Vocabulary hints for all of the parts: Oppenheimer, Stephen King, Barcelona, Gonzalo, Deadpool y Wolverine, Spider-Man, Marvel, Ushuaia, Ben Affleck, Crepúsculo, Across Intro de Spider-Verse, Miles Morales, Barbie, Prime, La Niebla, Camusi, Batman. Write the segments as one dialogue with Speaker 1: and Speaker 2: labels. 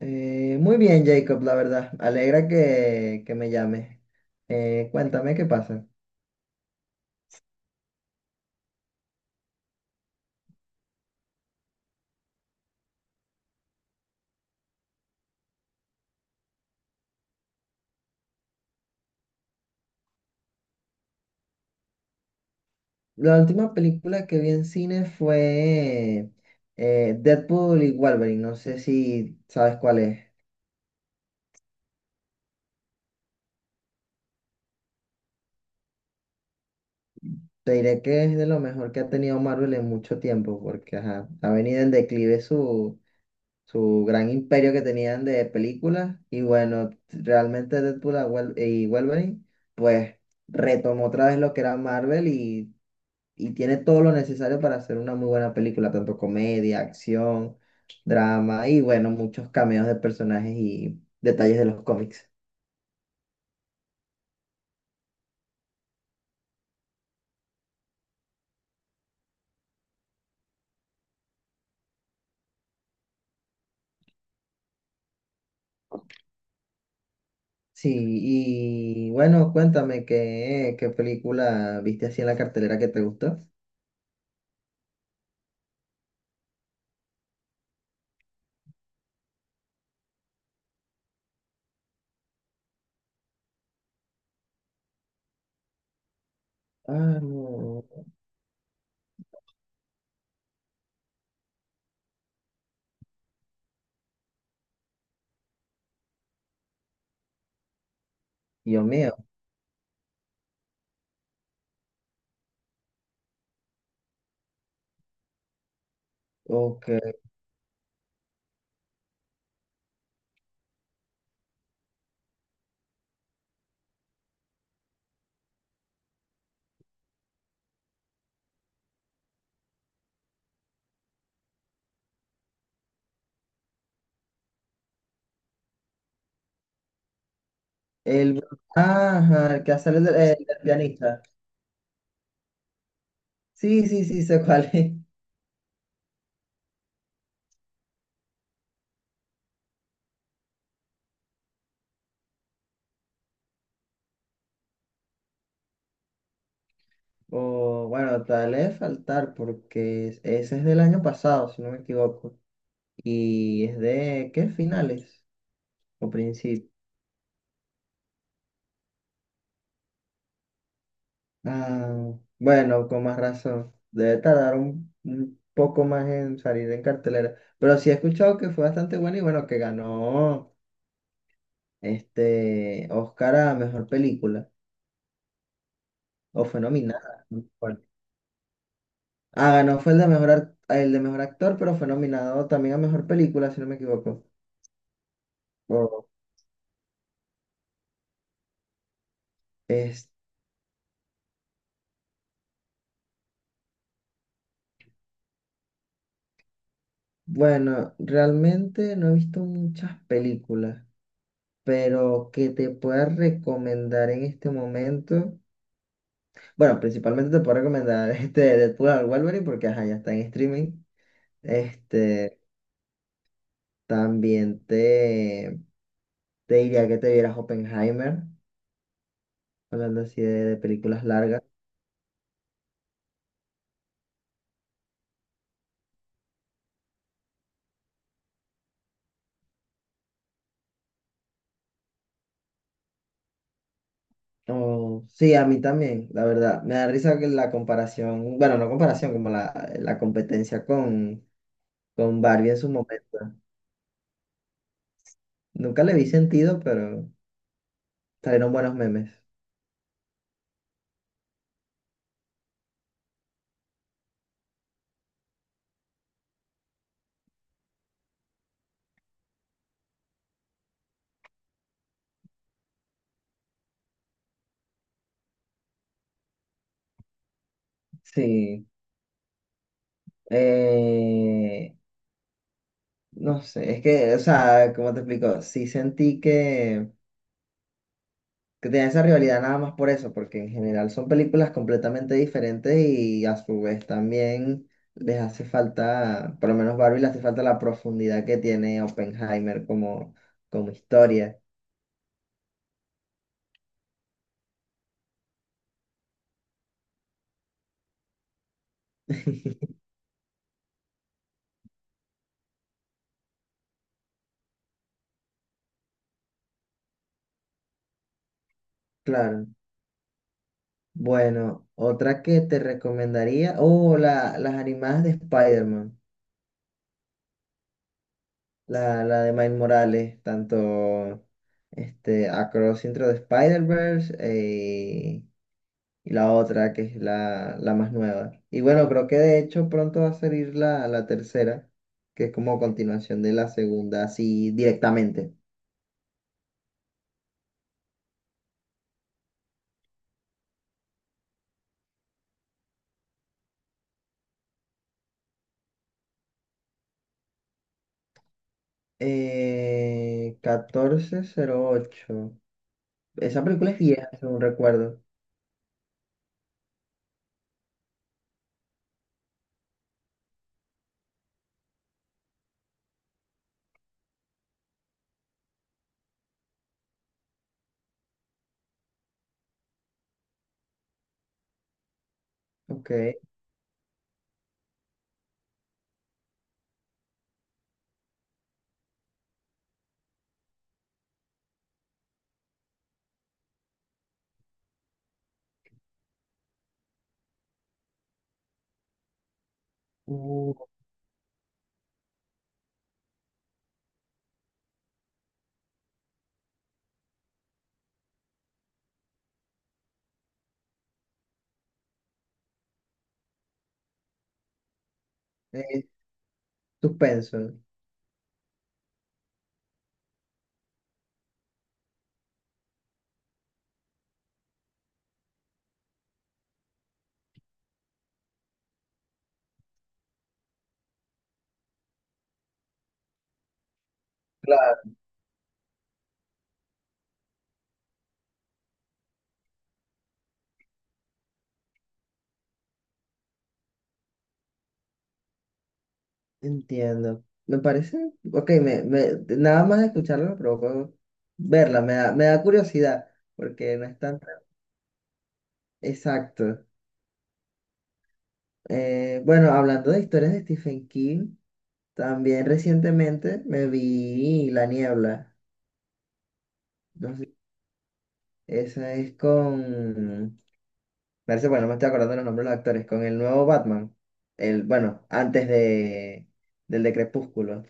Speaker 1: Muy bien, Jacob, la verdad. Alegra que me llame. Cuéntame qué pasa. La última película que vi en cine fue Deadpool y Wolverine. No sé si sabes cuál es. Te diré que es de lo mejor que ha tenido Marvel en mucho tiempo, porque ajá, ha venido en declive su gran imperio que tenían de películas. Y bueno, realmente Deadpool y Wolverine, pues retomó otra vez lo que era Marvel y tiene todo lo necesario para hacer una muy buena película, tanto comedia, acción, drama y bueno, muchos cameos de personajes y detalles de los cómics. Sí, y bueno, cuéntame qué película viste así en la cartelera que te gustó. Ah, no. Dios mío. Ok. El, ajá, el que hace el pianista. Sí, sí, sí, sé cuál es. O bueno, tal vez faltar porque ese es del año pasado, si no me equivoco. Y es de, ¿qué? Finales o principios. Ah, bueno, con más razón. Debe tardar un poco más en salir en cartelera. Pero sí he escuchado que fue bastante bueno y bueno, que ganó este Oscar a mejor película. O fue nominada. No me acuerdo. Ah, ganó fue el de mejor actor, pero fue nominado también a mejor película, si no me equivoco. O- es, bueno, realmente no he visto muchas películas. Pero que te pueda recomendar en este momento. Bueno, principalmente te puedo recomendar este Deadpool al Wolverine porque ajá, ya está en streaming. Este, También te diría que te vieras Oppenheimer, hablando así de películas largas. Oh, sí, a mí también, la verdad. Me da risa que la comparación, bueno, no comparación, como la competencia con Barbie en su momento. Nunca le vi sentido, pero salieron buenos memes. Sí. Eh, No sé, es que, o sea, ¿cómo te explico? Sí sentí que tenía esa rivalidad nada más por eso, porque en general son películas completamente diferentes y a su vez también les hace falta, por lo menos Barbie le hace falta la profundidad que tiene Oppenheimer como, como historia. Claro. Bueno, otra que te recomendaría, oh, las animadas de Spider-Man, la de Miles Morales, tanto Across Intro de Spider-Verse, y la otra que es la más nueva. Y bueno, creo que de hecho pronto va a salir la tercera, que es como continuación de la segunda, así directamente. 1408. Esa película es vieja, según recuerdo. Ok. Uh, Eh, Suspenso. Claro. Entiendo. Me parece, ok, nada más de escucharlo me provocó verla, me da curiosidad, porque no es tan. Exacto. Bueno, hablando de historias de Stephen King, también recientemente me vi La Niebla. No sé, esa es con. Parece, bueno, no me estoy acordando los nombres de los actores. Con el nuevo Batman. Bueno, antes del de Crepúsculo.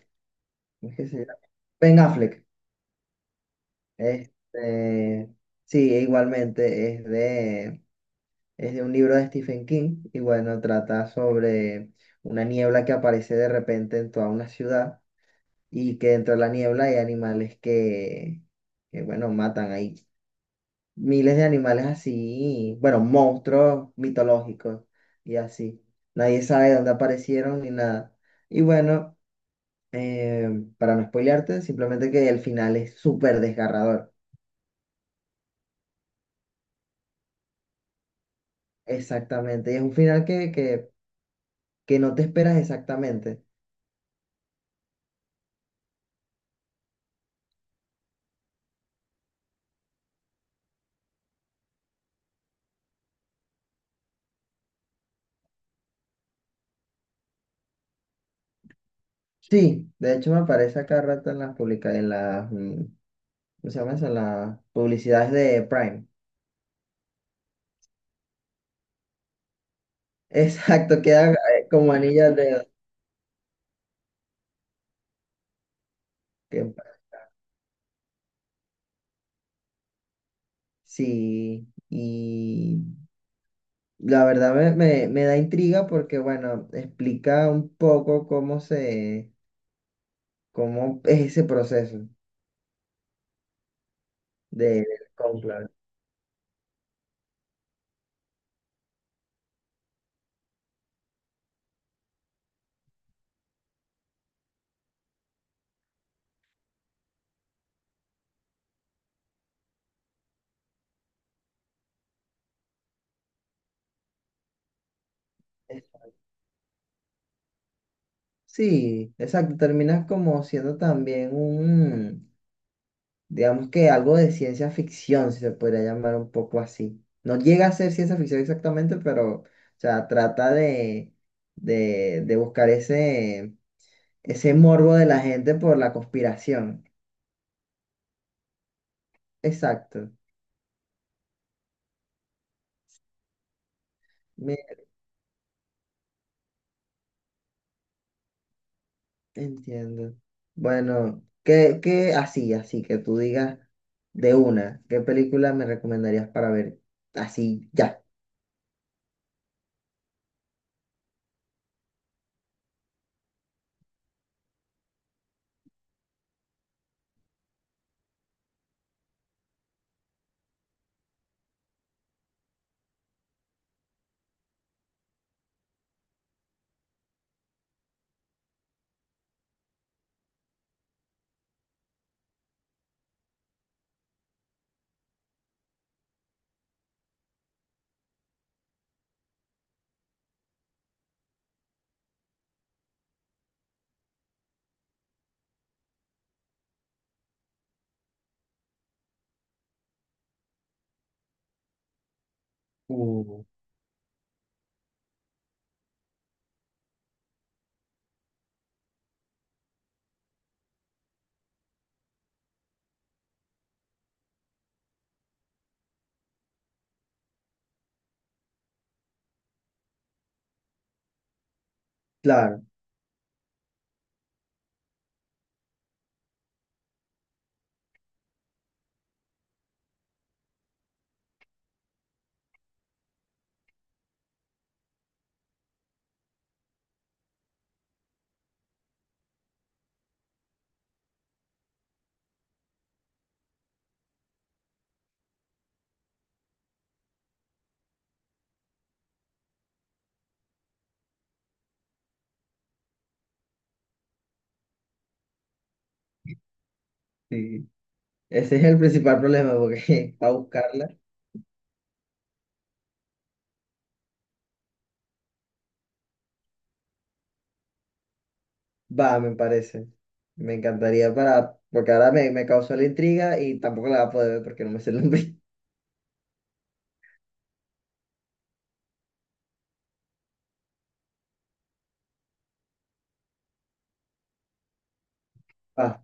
Speaker 1: ¿Cómo es que se llama? Ben Affleck. Este, sí, igualmente es de un libro de Stephen King. Y bueno, trata sobre una niebla que aparece de repente en toda una ciudad y que dentro de la niebla hay animales que bueno, matan ahí. Miles de animales así, bueno, monstruos mitológicos y así. Nadie sabe dónde aparecieron ni nada. Y bueno, eh, para no spoilearte, simplemente que el final es súper desgarrador. Exactamente. Y es un final que no te esperas exactamente. Sí, de hecho me aparece acá rato en las, ¿cómo se llama eso? En las publicidades de Prime. Exacto, queda como anillo al dedo. Que- sí, y la verdad me da intriga porque, bueno, explica un poco cómo es ese proceso del cónclave. Sí, exacto, terminas como siendo también digamos que algo de ciencia ficción, si se podría llamar un poco así. No llega a ser ciencia ficción exactamente, pero, o sea, trata de, buscar ese morbo de la gente por la conspiración. Exacto. Me Entiendo. Bueno, ¿qué así que tú digas de qué película me recomendarías para ver así ya? Uh, claro, sí. Ese es el principal problema porque para buscarla, va, me parece. Me encantaría porque ahora me causó la intriga y tampoco la voy a poder ver porque no me sé el nombre. Ah,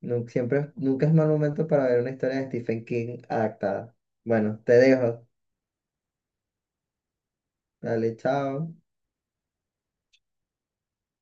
Speaker 1: Siempre, nunca es mal momento para ver una historia de Stephen King adaptada. Bueno, te dejo. Dale, chao.